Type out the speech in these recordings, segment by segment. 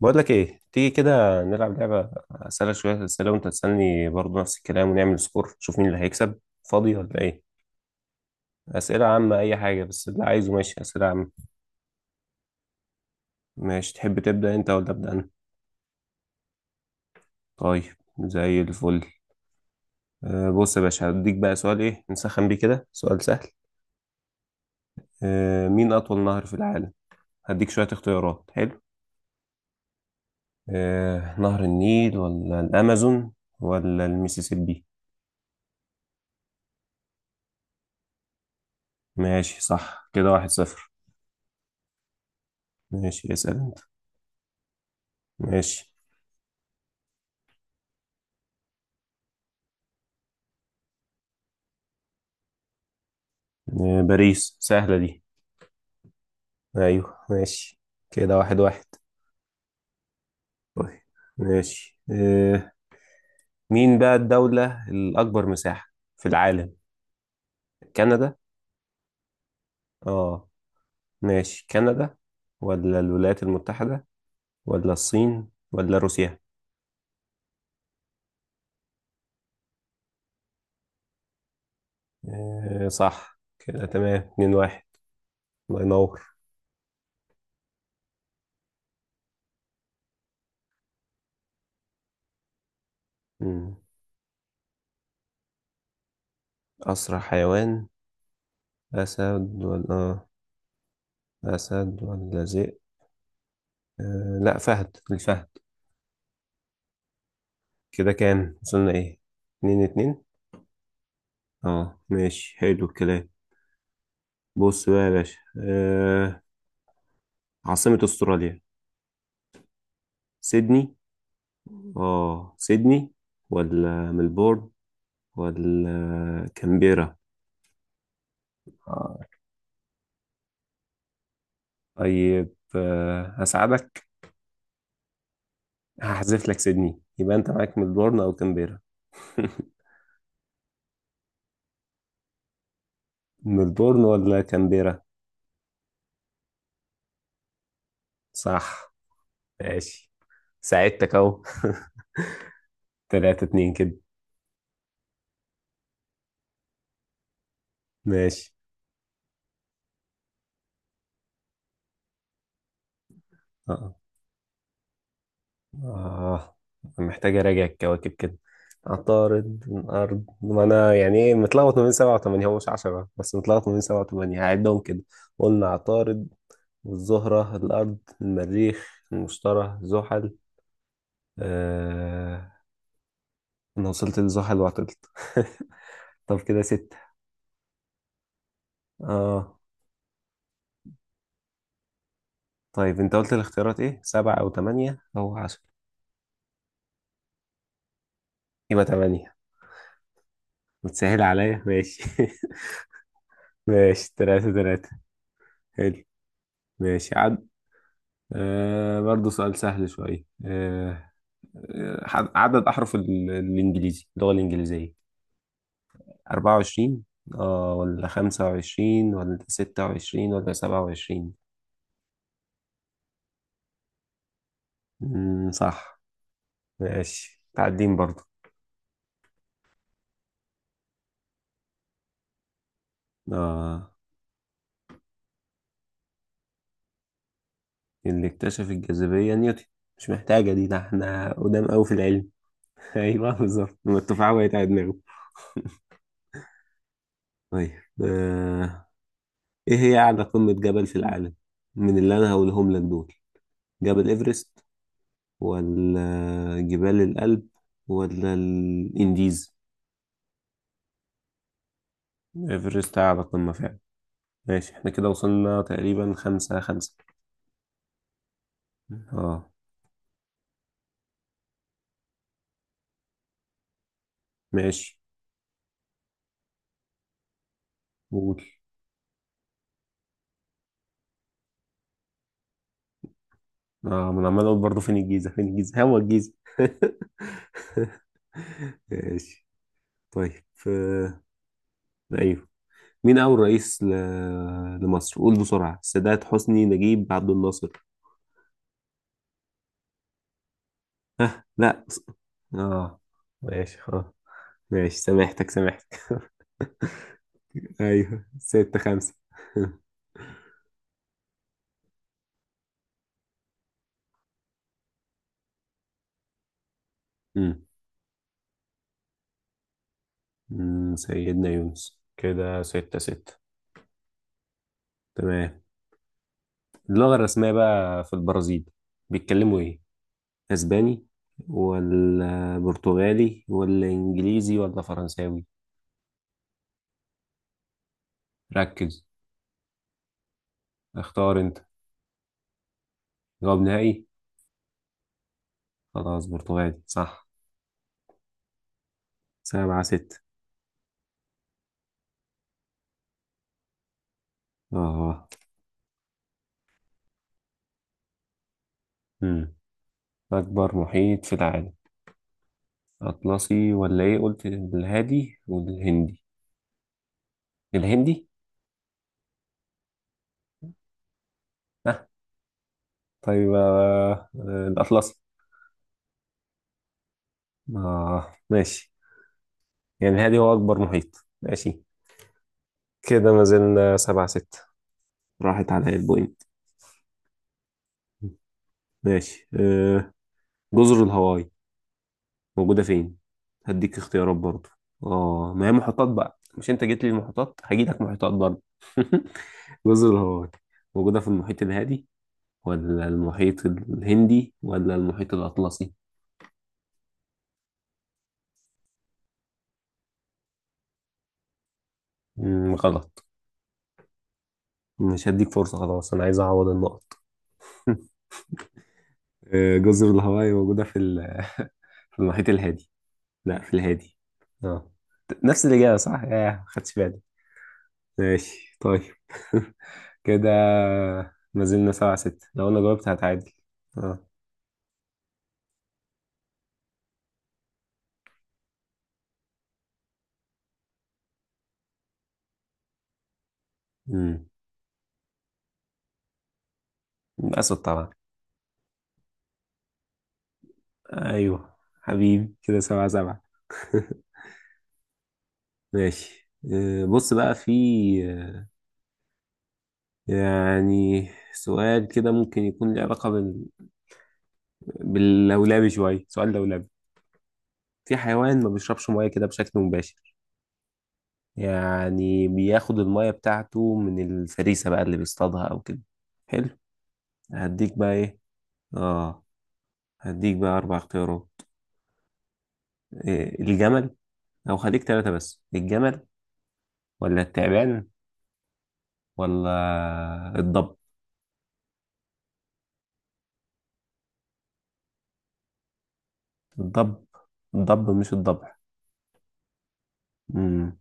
بقول لك ايه، تيجي كده نلعب لعبة، اسألك شوية أسئلة وانت تسألني برضه نفس الكلام ونعمل سكور نشوف مين اللي هيكسب. فاضي ولا ايه؟ أسئلة عامة اي حاجة بس اللي عايزه. ماشي أسئلة عامة. ماشي تحب تبدأ انت ولا أبدأ انا؟ طيب. زي الفل. أه بص يا باشا، هديك بقى سؤال ايه نسخن بيه كده، سؤال سهل. أه مين أطول نهر في العالم؟ هديك شوية اختيارات. حلو. أه نهر النيل ولا الأمازون ولا الميسيسيبي؟ ماشي صح كده، واحد صفر. ماشي اسأل انت. ماشي. باريس سهلة دي. أيوه ماشي. كده واحد واحد. طيب. ماشي مين بقى الدولة الأكبر مساحة في العالم؟ كندا؟ آه ماشي، كندا ولا الولايات المتحدة ولا الصين ولا روسيا؟ آه، صح كده تمام. اتنين واحد. الله ينور. مم. أسرع حيوان، أسد ولا أسد ولا ذئب؟ لا، فهد، الفهد. كده كام وصلنا إيه؟ اتنين اتنين. اه ماشي حلو الكلام. بص بقى يا باشا. آه عاصمة استراليا سيدني. اه سيدني ولا ملبورن ولا كامبيرا؟ آه. طيب آه هساعدك. هحذف لك سيدني، يبقى انت معاك ملبورن او كامبيرا. ملبورن ولا كامبيرا؟ صح. ماشي. ساعدتك اهو. تلاتة اتنين كده. ماشي اه. آه محتاج أراجع الكواكب كده. عطارد، الأرض، ما أنا يعني إيه متلخبط ما بين سبعة وتمانية، هو مش عشرة بس متلخبط ما بين سبعة وتمانية، هعدهم كده. قلنا عطارد والزهرة الأرض المريخ المشتري زحل. آه أنا وصلت لزحل وعطلت. طب كده ستة. آه. طيب أنت قلت الاختيارات إيه، سبعة أو تمانية أو عشرة؟ يبقى تمانية. متسهل عليا ماشي. ماشي تلاتة تلاتة. حلو. ماشي عد. آه برضه سؤال سهل شوية عدد أحرف الإنجليزي، اللغة الإنجليزية 24 آه ولا 25 ولا 26 ولا 27؟ مم، صح. ماشي تعدين برضه. آه اللي اكتشف الجاذبية نيوتن. مش محتاجة دي، ده احنا قدام أوي في العلم. أيوه بالظبط لما التفاحة وقعت على دماغه. طيب آه إيه هي أعلى قمة جبل في العالم؟ من اللي أنا هقولهم لك دول، جبل إيفرست ولا جبال الألب ولا الإنديز؟ إيفرست أعلى قمة فعلا. ماشي احنا كده وصلنا تقريبا خمسة خمسة. اه ماشي. قول. اه ما انا عمال اقول برضه فين الجيزة فين الجيزة هو الجيزة. ماشي. طيب ايوه مين أول رئيس ل... لمصر؟ قول بسرعة، السادات، حسني، نجيب، عبد الناصر. لا اه ماشي. اه ماشي سامحتك سامحتك. ايوه ستة خمسة. مم، سيدنا يونس. كده ستة ستة. تمام. اللغة الرسمية بقى في البرازيل بيتكلموا ايه؟ اسباني ولا برتغالي ولا انجليزي ولا فرنساوي؟ ركز. اختار انت. جواب نهائي. خلاص برتغالي صح. سبعة ستة. اه. مم. أكبر محيط في العالم، أطلسي ولا ايه، قلت الهادي والهندي؟ الهندي؟ اه طيب الأطلسي. اه ماشي. يعني الهادي هو أكبر محيط، ماشي. كده ما زلنا سبعة ستة. راحت على البوينت. ماشي جزر الهواي موجودة فين؟ هديك اختيارات برضو. اه ما هي محيطات بقى، مش انت جيت لي المحيطات هجيلك محيطات برضو. جزر الهواي موجودة في المحيط الهادي ولا المحيط الهندي ولا المحيط الأطلسي؟ مم، غلط. مش هديك فرصة خلاص، أنا عايز أعوض النقط. جزر الهواي موجودة في في المحيط الهادي. لا في الهادي. اه نفس الإجابة صح؟ ياه ما خدتش بالي. ماشي طيب. كده ما زلنا سبعة ستة، لو أنا جاوبت هتعادل. اه. امم أسود طبعا. أيوه. حبيبي كده سبعة سبعة. ماشي بص بقى في آه، يعني سؤال كده ممكن يكون له علاقة بال... باللولبي شوية، سؤال لولبي. في حيوان ما بيشربش مية كده بشكل مباشر، يعني بياخد المية بتاعته من الفريسة بقى اللي بيصطادها أو كده. حلو. هديك بقى إيه. آه هديك بقى أربع اختيارات. إيه الجمل، أو خليك تلاتة بس، الجمل ولا التعبان ولا الضب. الضب. الضب مش الضبع. مم.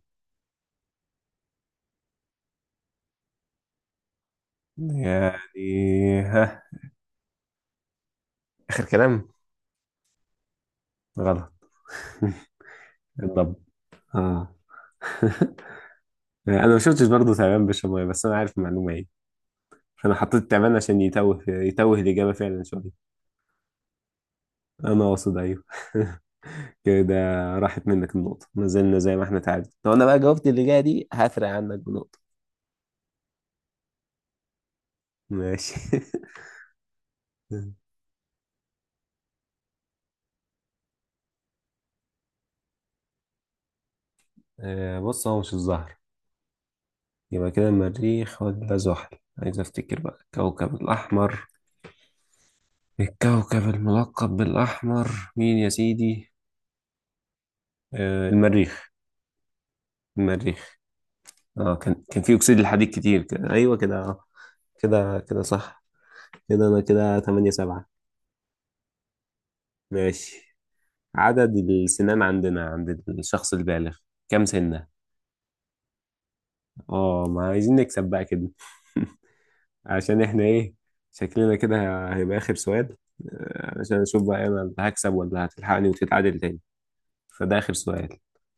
يعني ها. آخر كلام. غلط. الضب. آه أنا ما شفتش برضه تعبان بيشرب مية بس أنا عارف المعلومة إيه، فأنا حطيت تعبان عشان يتوه يتوه الإجابة فعلا شوية. انا واصل ايوه. كده راحت منك النقطة. ما زلنا زي ما احنا تعادل، لو انا بقى جاوبت اللي جاية دي هفرق عنك بنقطة. ماشي. بص هو مش الزهر، يبقى كده المريخ ولا زحل، عايز افتكر بقى الكوكب الاحمر. الكوكب الملقب بالاحمر مين يا سيدي؟ المريخ. المريخ. اه كان فيه اكسيد الحديد كتير كده ايوه كده آه. كده كده صح. كده انا كده 8 7. ماشي. عدد السنان عندنا عند الشخص البالغ كام سنة؟ اه ما عايزين نكسب بقى كده. عشان احنا ايه، شكلنا كده هيبقى اخر سؤال. عشان اشوف بقى انا اللي هكسب ولا هتلحقني وتتعادل تاني، فده اخر سؤال.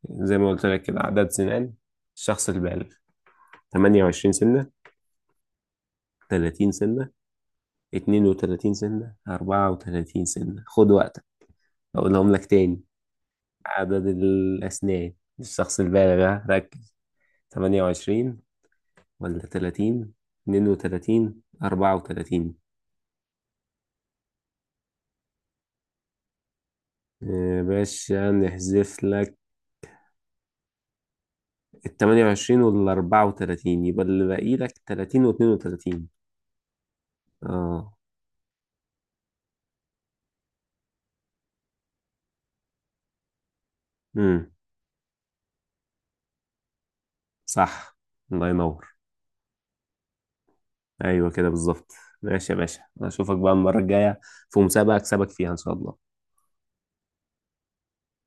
زي ما قلت لك كده، عدد سنان الشخص البالغ، 28 سنة 30 سنة 32 سنة 34 سنة، خد وقتك. اقولهم لك تاني، عدد الاسنان الشخص البالغ، ها، ركز. 28 ولا تلاتين اتنين وتلاتين أربعة وتلاتين؟ يا باشا نحذف لك التمانية وعشرين والأربعة وتلاتين، يبقى اللي باقي لك تلاتين واتنين وتلاتين. اه. امم. صح. الله ينور. أيوة كده بالظبط. ماشي يا باشا، أشوفك بقى المرة الجاية في مسابقة أكسبك فيها إن شاء الله.